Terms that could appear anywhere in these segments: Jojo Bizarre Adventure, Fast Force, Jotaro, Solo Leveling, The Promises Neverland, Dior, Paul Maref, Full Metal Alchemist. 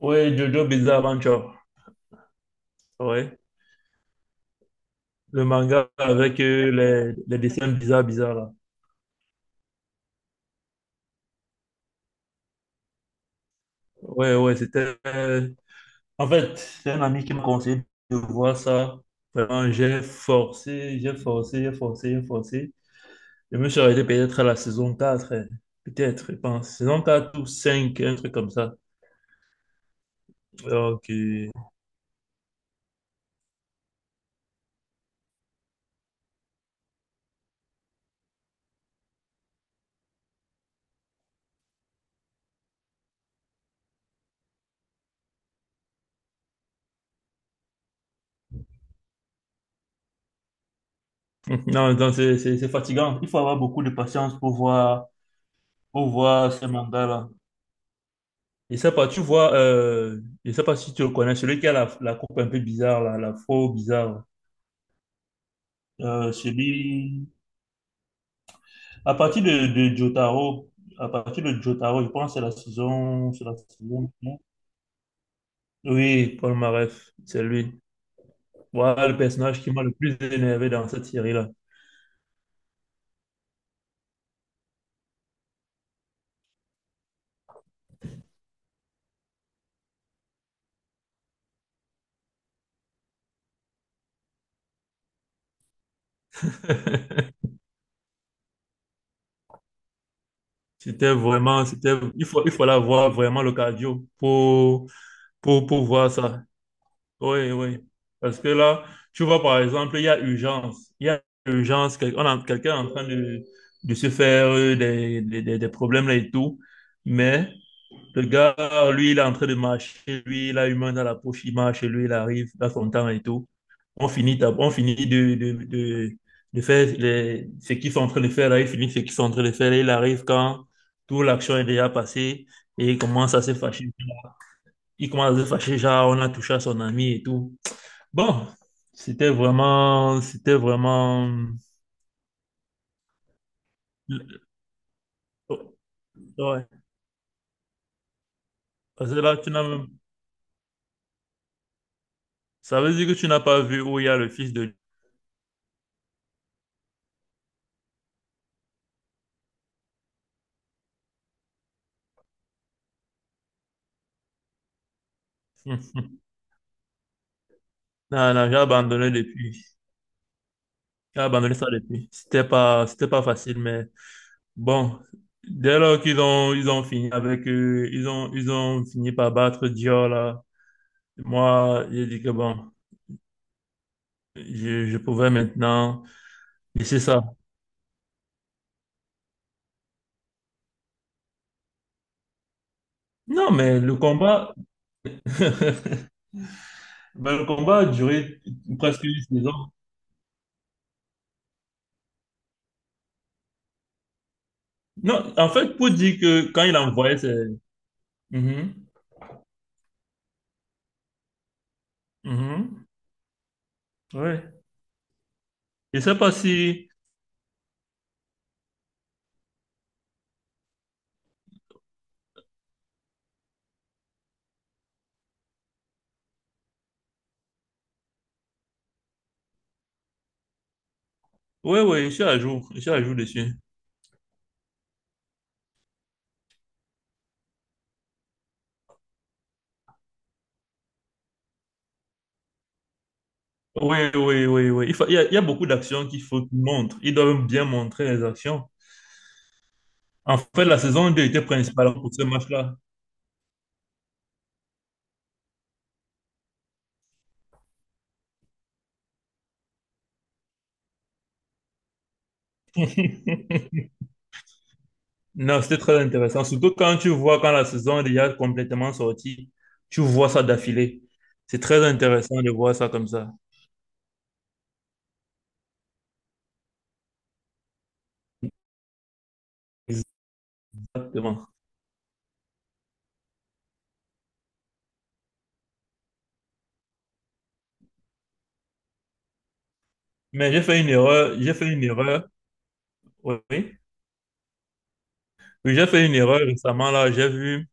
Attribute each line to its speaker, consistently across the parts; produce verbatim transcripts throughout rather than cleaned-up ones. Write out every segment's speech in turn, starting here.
Speaker 1: Oui, Jojo Bizarre Adventure. Ouais. Le manga avec euh, les, les dessins bizarres, bizarres là. Ouais, ouais, c'était. Euh, En fait, c'est un ami qui m'a conseillé de voir ça. Vraiment, j'ai forcé, j'ai forcé, j'ai forcé, j'ai forcé. Je me suis arrêté peut-être à la saison quatre euh, peut-être, je pense. Saison quatre ou cinq, un truc comme ça. Ok. Euh, non, c'est c'est- c'est fatigant. Il faut avoir beaucoup de patience pour voir, pour voir ces mangas-là. Je sais pas, tu vois, euh, je sais pas si tu le connais, celui qui a la, la coupe un peu bizarre, la, la faux bizarre. Euh, celui, à partir de, de Jotaro, à partir de Jotaro, je pense que c'est la saison, c'est la saison. Non. Oui, Paul Maref, c'est lui. Voilà le personnage qui m'a le plus énervé dans cette série-là. C'était vraiment, c'était, il faut, il fallait avoir vraiment le cardio pour, pour, pour voir ça. Oui, oui. Parce que là, tu vois, par exemple, il y a urgence. Il y a urgence. quel- On a quelqu'un est en train de, de se faire euh, des, des, des- des problèmes là et tout. Mais le gars, lui, il est en train de marcher. Lui, il a une main dans la poche. Il marche. Lui, il arrive dans son temps et tout. On finit, ta- on finit de, de, de, de faire les, ce qu'ils sont en train de faire là. Il finit ce qu'ils sont en train de faire là. Il arrive quand toute l'action est déjà passée et il commence à se fâcher. Il commence à se fâcher. Genre, on a touché à son ami et tout. Bon, c'était vraiment, c'était vraiment. Ouais, parce que là, tu n'as même- ça veut dire que tu n'as pas vu où il y a le fils de. Non, non, j'ai abandonné depuis. J'ai abandonné ça depuis. C'était pas, c'était pas facile, mais bon, dès lors qu'ils ont, ils ont fini avec, euh, ils ont, ils ont fini par battre Dior là. Moi, j'ai dit que bon, je, je pouvais maintenant laisser ça. Non, mais le combat, ben, le combat a duré presque une saison. Non, en fait, pour dire que quand il envoyait, c'est... Mhm, mhm, ouais. Je sais pas si... Oui, oui, je suis à jour. Je suis à jour dessus. Oui, oui, oui, oui. Il fa- il y a, il y a beaucoup d'actions qu'il faut qu'ils montrent. Ils doivent bien montrer les actions. En fait, la saison deux était principalement pour ce match-là. Non, c'était très intéressant. Surtout quand tu vois quand la saison est déjà complètement sortie, tu vois ça d'affilée. C'est très intéressant de voir ça comme ça. Exactement. Mais j'ai fait une erreur. J'ai fait une erreur. Oui. Oui, j'ai fait une erreur récemment là. J'ai vu,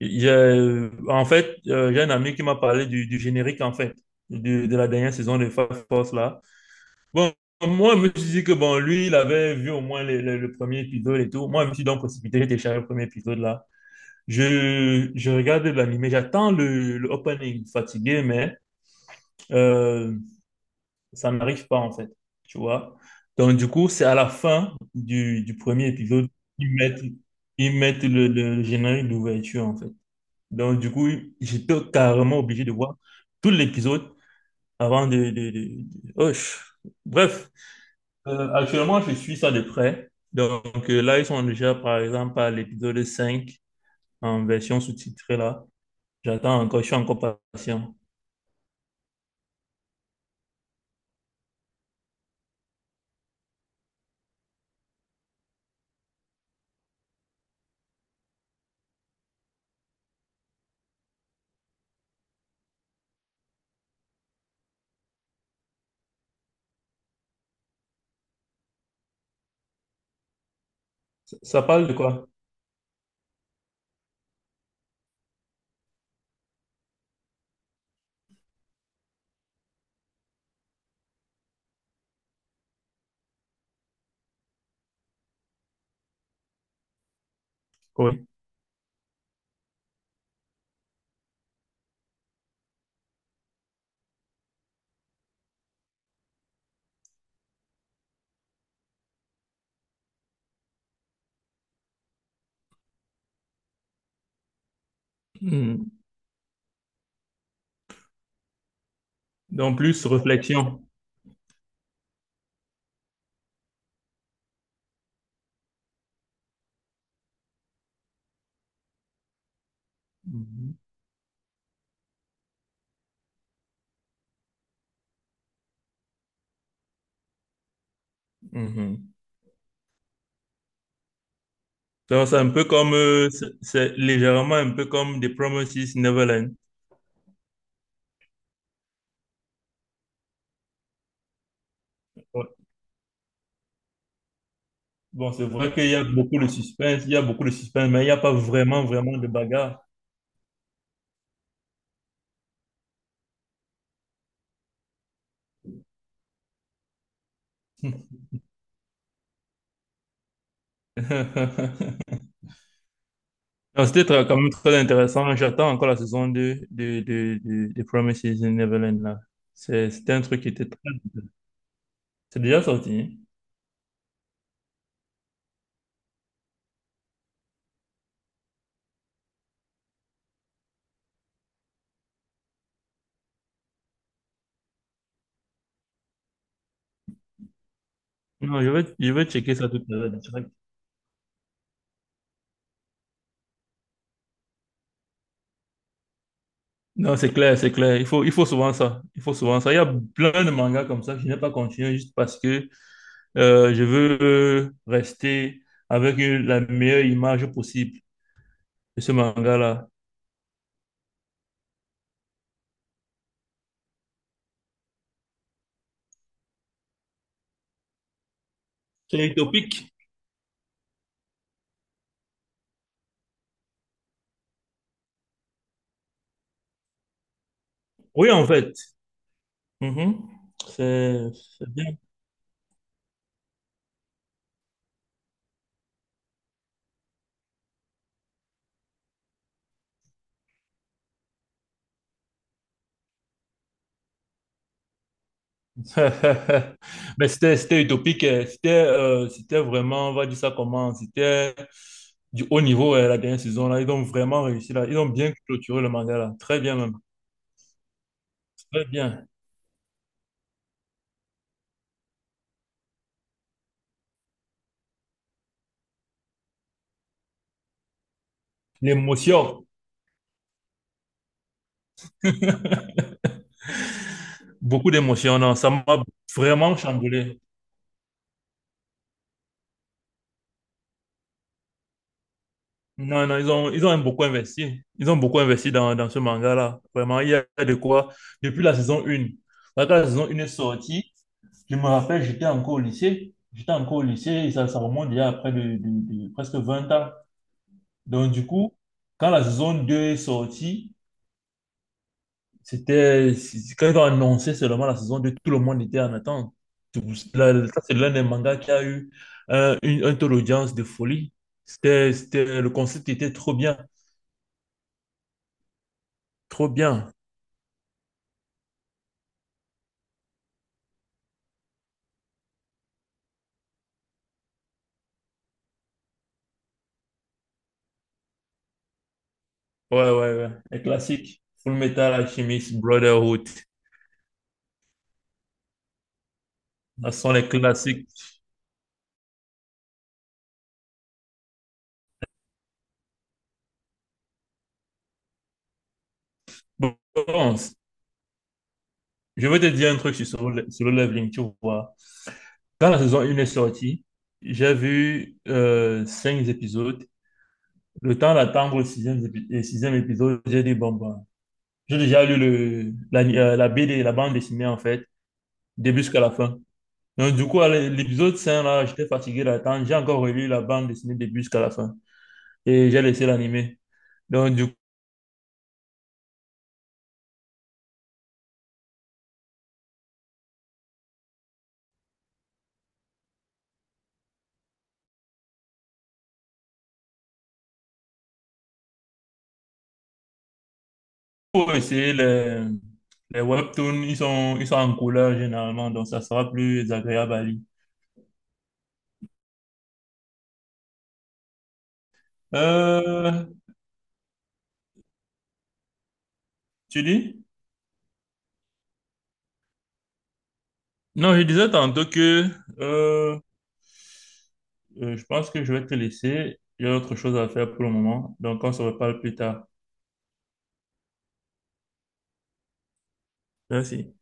Speaker 1: j'ai, En fait, euh, j'ai un ami qui m'a parlé du, du générique en fait de, de la dernière saison de Fast Force là. Bon, moi je me suis dit que bon, lui il avait vu au moins le, le- le premier épisode et tout. Moi je me suis donc précipité, j'ai téléchargé le premier épisode là. Je, je regarde l'animé, j'attends le, le opening fatigué, mais euh, ça n'arrive pas en fait, tu vois. Donc du coup, c'est à la fin du, du premier épisode qu'ils mettent, ils mettent le, le générique d'ouverture en fait. Donc du coup, j'étais carrément obligé de voir tout l'épisode avant de... de, de- de- Oh, je- bref. Euh, actuellement, je suis ça de près. Donc euh, là, ils sont déjà par exemple à l'épisode cinq en version sous-titrée là. J'attends encore, je suis encore patient. Ça, ça parle de quoi? Oui. Hmm. Donc plus réflexion. Mhm. Donc, c'est un peu comme, euh, c'est c'est légèrement un peu comme The Promises Neverland. Ouais. Bon, c'est vrai qu'il y a beaucoup de suspense, il y a beaucoup de suspense, mais il n'y a pas vraiment, vraiment de bagarre. Non, c'était très- quand même très intéressant. J'attends encore la saison deux de, de, de, de Promises Neverland, là. C'est- C'était un truc qui était très... C'est déjà sorti, hein? Non, je vais, je vais checker ça tout à l'heure. Non, c'est clair, c'est clair. Il faut, il faut souvent ça. Il faut souvent ça. Il y a plein de mangas comme ça que je n'ai pas continué juste parce que euh, je veux euh, rester avec une- la meilleure image possible de ce manga-là. C'est utopique. Oui, en fait. Mhm. C'est c'est bien. Mais c'était, c'était utopique. euh, C'était, euh, c'était vraiment, on va dire ça comment, c'était du haut niveau, euh, la dernière saison, là. Ils ont vraiment réussi, là. Ils ont bien clôturé le manga, là. Très bien, même. Très bien. L'émotion. Beaucoup d'émotions, non, ça m'a vraiment chamboulé. Non, non, ils ont, ils ont beaucoup investi. Ils ont beaucoup investi dans, dans ce manga-là. Vraiment, il y a de quoi. Depuis la saison un. Quand la saison un est sortie, je me rappelle, j'étais encore au lycée. J'étais encore au lycée et ça, ça remonte déjà à près de, de- de presque vingt ans. Donc, du coup, quand la saison deux est sortie, C'était, c'est- quand ils ont annoncé seulement la saison deux, tout le monde était en attente. C'est pour cela- Ça, c'est l'un des mangas qui a eu un, une- un taux d'audience de folie. C'était, c'était, le concept était trop bien, trop bien. Ouais, ouais, ouais. Les classiques. Full Metal Alchemist, Brotherhood. Ce sont les classiques. Bon, je vais te dire un truc sur Solo, Solo Leveling, tu vois. Quand la saison un est sortie, j'ai vu euh, cinq épisodes. Le temps d'attendre le sixième, épi- le sixième épisode, j'ai dit, bon, ben, j'ai déjà lu le, la, euh, la B D, la bande dessinée, en fait, début jusqu'à la fin. Donc, du coup, à l'é- l'épisode cinq là, j'étais fatigué d'attendre. J'ai encore relu la bande dessinée début jusqu'à la fin. Et j'ai laissé l'animé. Donc, du coup, essayer les, les webtoons, ils sont, ils sont en couleur généralement, donc ça sera plus agréable à lire. Euh, Tu dis? Non, je disais tantôt que euh, euh, je pense que je vais te laisser. J'ai autre chose à faire pour le moment, donc on se reparle plus tard. Merci.